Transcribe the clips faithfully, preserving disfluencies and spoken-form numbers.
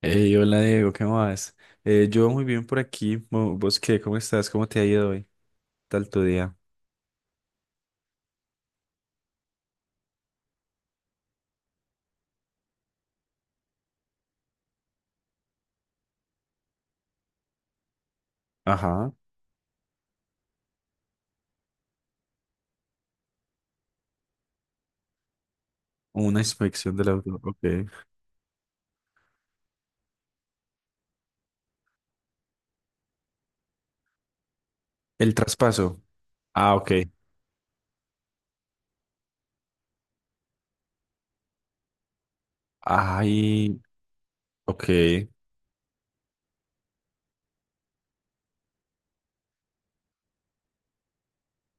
Hey, hola, Diego, ¿qué más? Eh, yo muy bien por aquí. Mo- ¿Vos qué? ¿Cómo estás? ¿Cómo te ha ido hoy? ¿Tal tu día? Ajá. Una inspección del auto. Ok. El traspaso. Ah, ok. Ay, ok.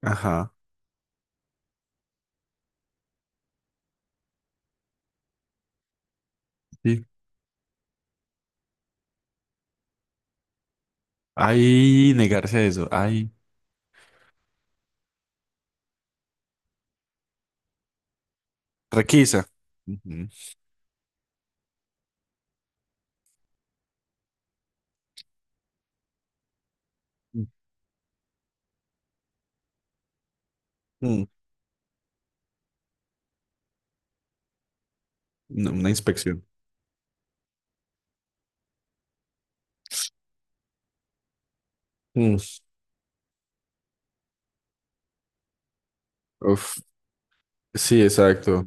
Ajá. Sí. Ay, negarse a eso. Ay, requisa. Ujú. Mm, no, una inspección. Mm. Uf. Sí, exacto.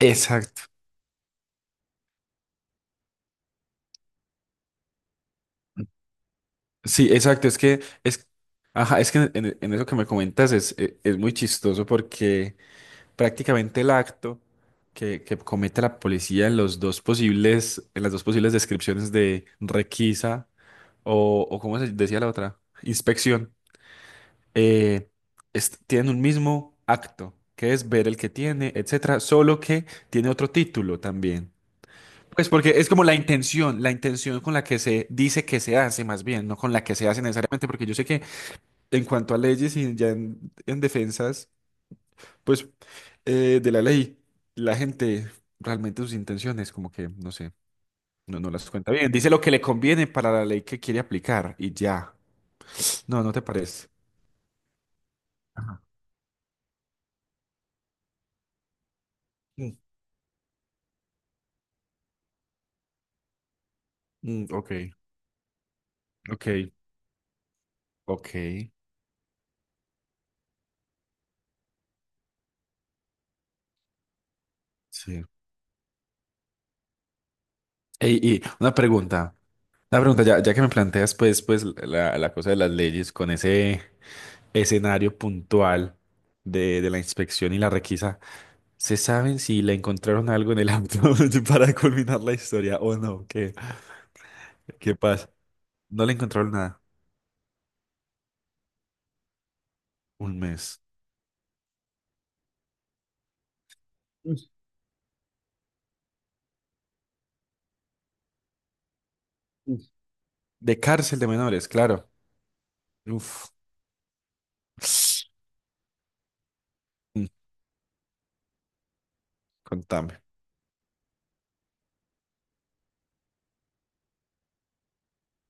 Exacto. Sí, exacto. Es que es, ajá, es que en, en- en eso que me comentas es, es, es muy chistoso porque prácticamente el acto que, que comete la policía en los dos posibles, en las dos posibles descripciones de requisa o, o ¿cómo se decía la otra? Inspección. eh, es- Tienen un mismo acto, que es ver el que tiene, etcétera, solo que tiene otro título también. Pues porque es como la intención, la intención con la que se dice que se hace, más bien, no con la que se hace necesariamente, porque yo sé que en cuanto a leyes y ya en en defensas. Pues eh, de la ley, la gente realmente sus intenciones, como que, no sé, no, no las cuenta bien. Dice lo que le conviene para la ley que quiere aplicar y ya. No, ¿no te parece? Ajá. Mm, mm, ok, ok, ok, sí. Ey, y una pregunta, una pregunta, ya, ya que me planteas pues, pues la, la cosa de las leyes con ese escenario puntual de, de la inspección y la requisa, ¿se saben si le encontraron algo en el auto para culminar la historia o no? ¿Qué pasa? No le encontraron nada. Un mes. Uf, uf. De cárcel de menores, claro. Uf. Mm, Contame.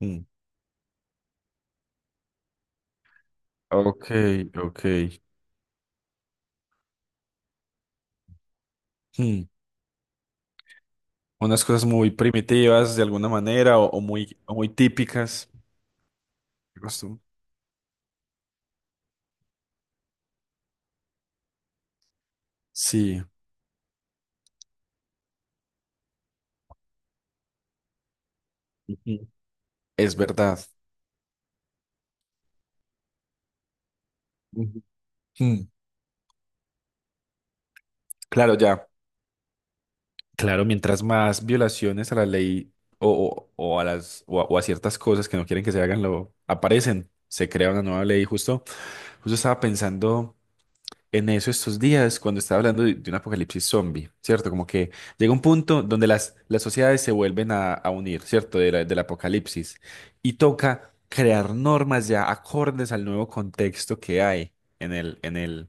Mm. Ok, ok. Mm. Unas cosas muy primitivas de alguna manera o, o muy, o muy típicas. Qué costum- Sí, ujú, es verdad. Ujú. Mm. Claro, ya. Claro, mientras más violaciones a la ley o, o- o a las, o a o a ciertas cosas que no quieren que se hagan, lo aparecen. Se crea una nueva ley. justo Justo estaba pensando en eso estos días cuando estaba hablando de, de un apocalipsis zombie, ¿cierto? Como que llega un punto donde las, las sociedades se vuelven a, a unir, ¿cierto? De la- del apocalipsis. Y toca crear normas ya acordes al nuevo contexto que hay en el, en el,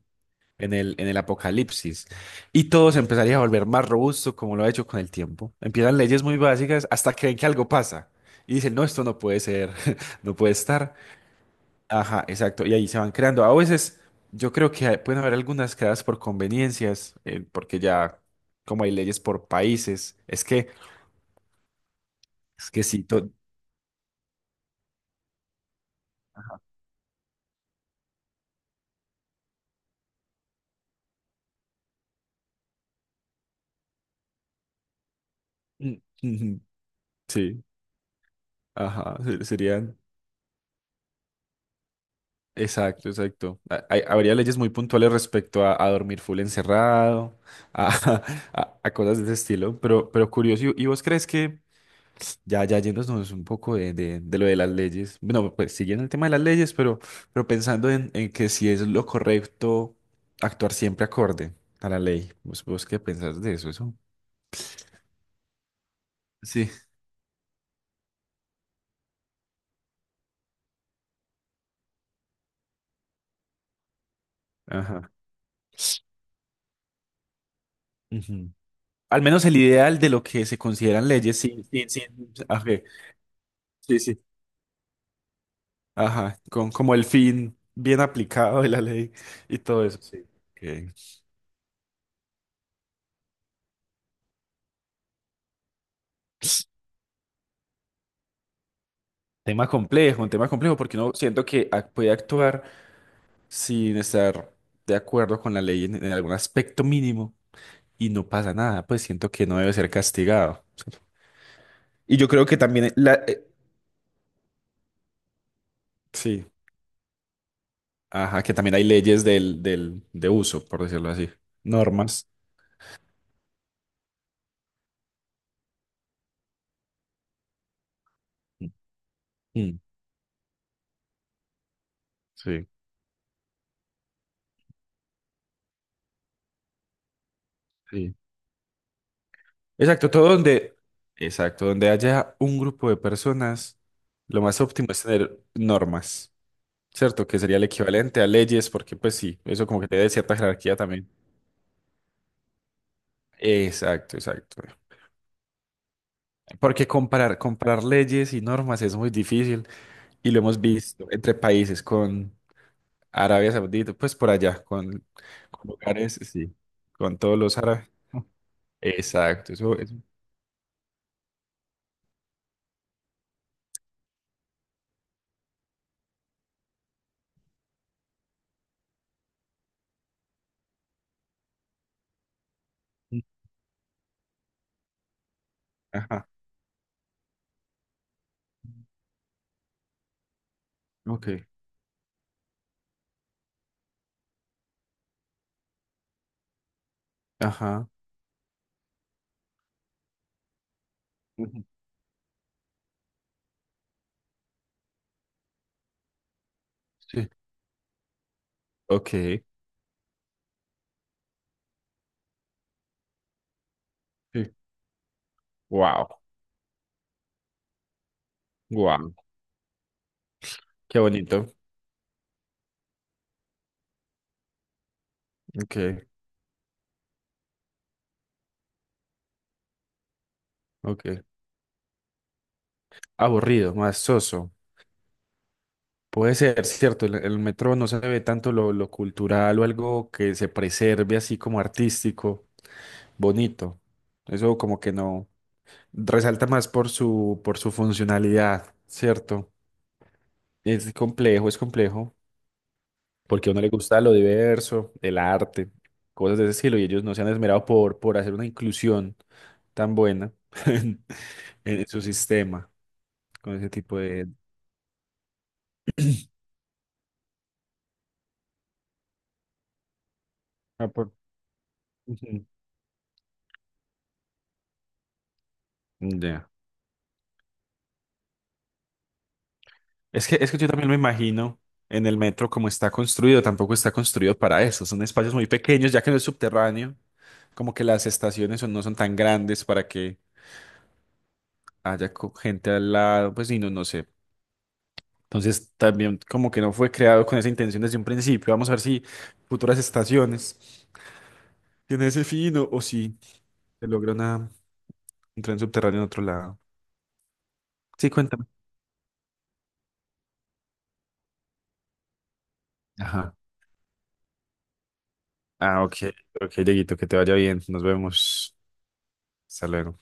en el, en el apocalipsis. Y todo se empezaría a volver más robusto como lo ha hecho con el tiempo. Empiezan leyes muy básicas hasta que ven que algo pasa. Y dicen, no, esto no puede ser, no puede estar. Ajá, exacto. Y ahí se van creando. A veces yo creo que hay- pueden haber algunas creadas por conveniencias, eh, porque ya como hay leyes por países, es que, es que sí, to- mm, ujú, sí, ajá, se- serían, exacto, exacto. Ha- hay- habría leyes muy puntuales respecto a, a dormir full encerrado, a, a- a cosas de ese estilo, pero, pero curioso. ¿Y y vos crees que? Ya, ya yéndonos un poco de, de- de lo de las leyes. Bueno, pues siguiendo el tema de las leyes, pero, pero pensando en, en que si es lo correcto actuar siempre acorde a la ley. ¿Vos, vos qué pensás de eso? Eso. Sí. Ajá. Ujú. Al menos el ideal de lo que se consideran leyes, sí, sí, sí. Ajá. Sí, sí. Ajá. Con, como el fin bien aplicado de la ley y todo eso, sí. Ok. Tema complejo, un tema complejo porque uno siento que ac- puede actuar sin estar de acuerdo con la ley en, en algún aspecto mínimo y no pasa nada, pues siento que no debe ser castigado. Y yo creo que también la. eh, Sí, ajá, que también hay leyes del, del, de uso, por decirlo así, normas. Mm, sí, sí. Exacto, todo donde, exacto, donde haya un grupo de personas, lo más óptimo es tener normas, ¿cierto? Que sería el equivalente a leyes, porque pues sí, eso como que te da cierta jerarquía también. Exacto, exacto. Porque comparar, comparar leyes y normas es muy difícil y lo hemos visto entre países con Arabia Saudita, pues por allá, con, con lugares, sí, con todos los árabes. Exacto, eso es. Ajá, ok, ajá, ujú, sí, ok, sí, wow, wow, qué bonito, ok, ok. Aburrido, más soso. Puede ser, cierto, el, el metro no se ve tanto lo, lo cultural o algo que se preserve así como artístico, bonito. Eso como que no resalta más por su, por su funcionalidad, ¿cierto? Es complejo, es complejo, porque a uno le gusta lo diverso, el arte, cosas de ese estilo, y ellos no se han esmerado por, por hacer una inclusión tan buena en, en su sistema con ese tipo de. Ah. por- Ujú. Ya. Es que, es que yo también me imagino en el metro como está construido, tampoco está construido para eso. Son espacios muy pequeños, ya que no es subterráneo, como que las estaciones son- no son tan grandes para que haya co- gente al lado, pues y no, no sé. Entonces también como que no fue creado con esa intención desde un principio. Vamos a ver si futuras estaciones tienen ese fin o, o si se logra una, un tren subterráneo en otro lado. Sí, cuéntame. Ajá. Ah, ok, ok, Dieguito, que te vaya bien. Nos vemos. Hasta luego.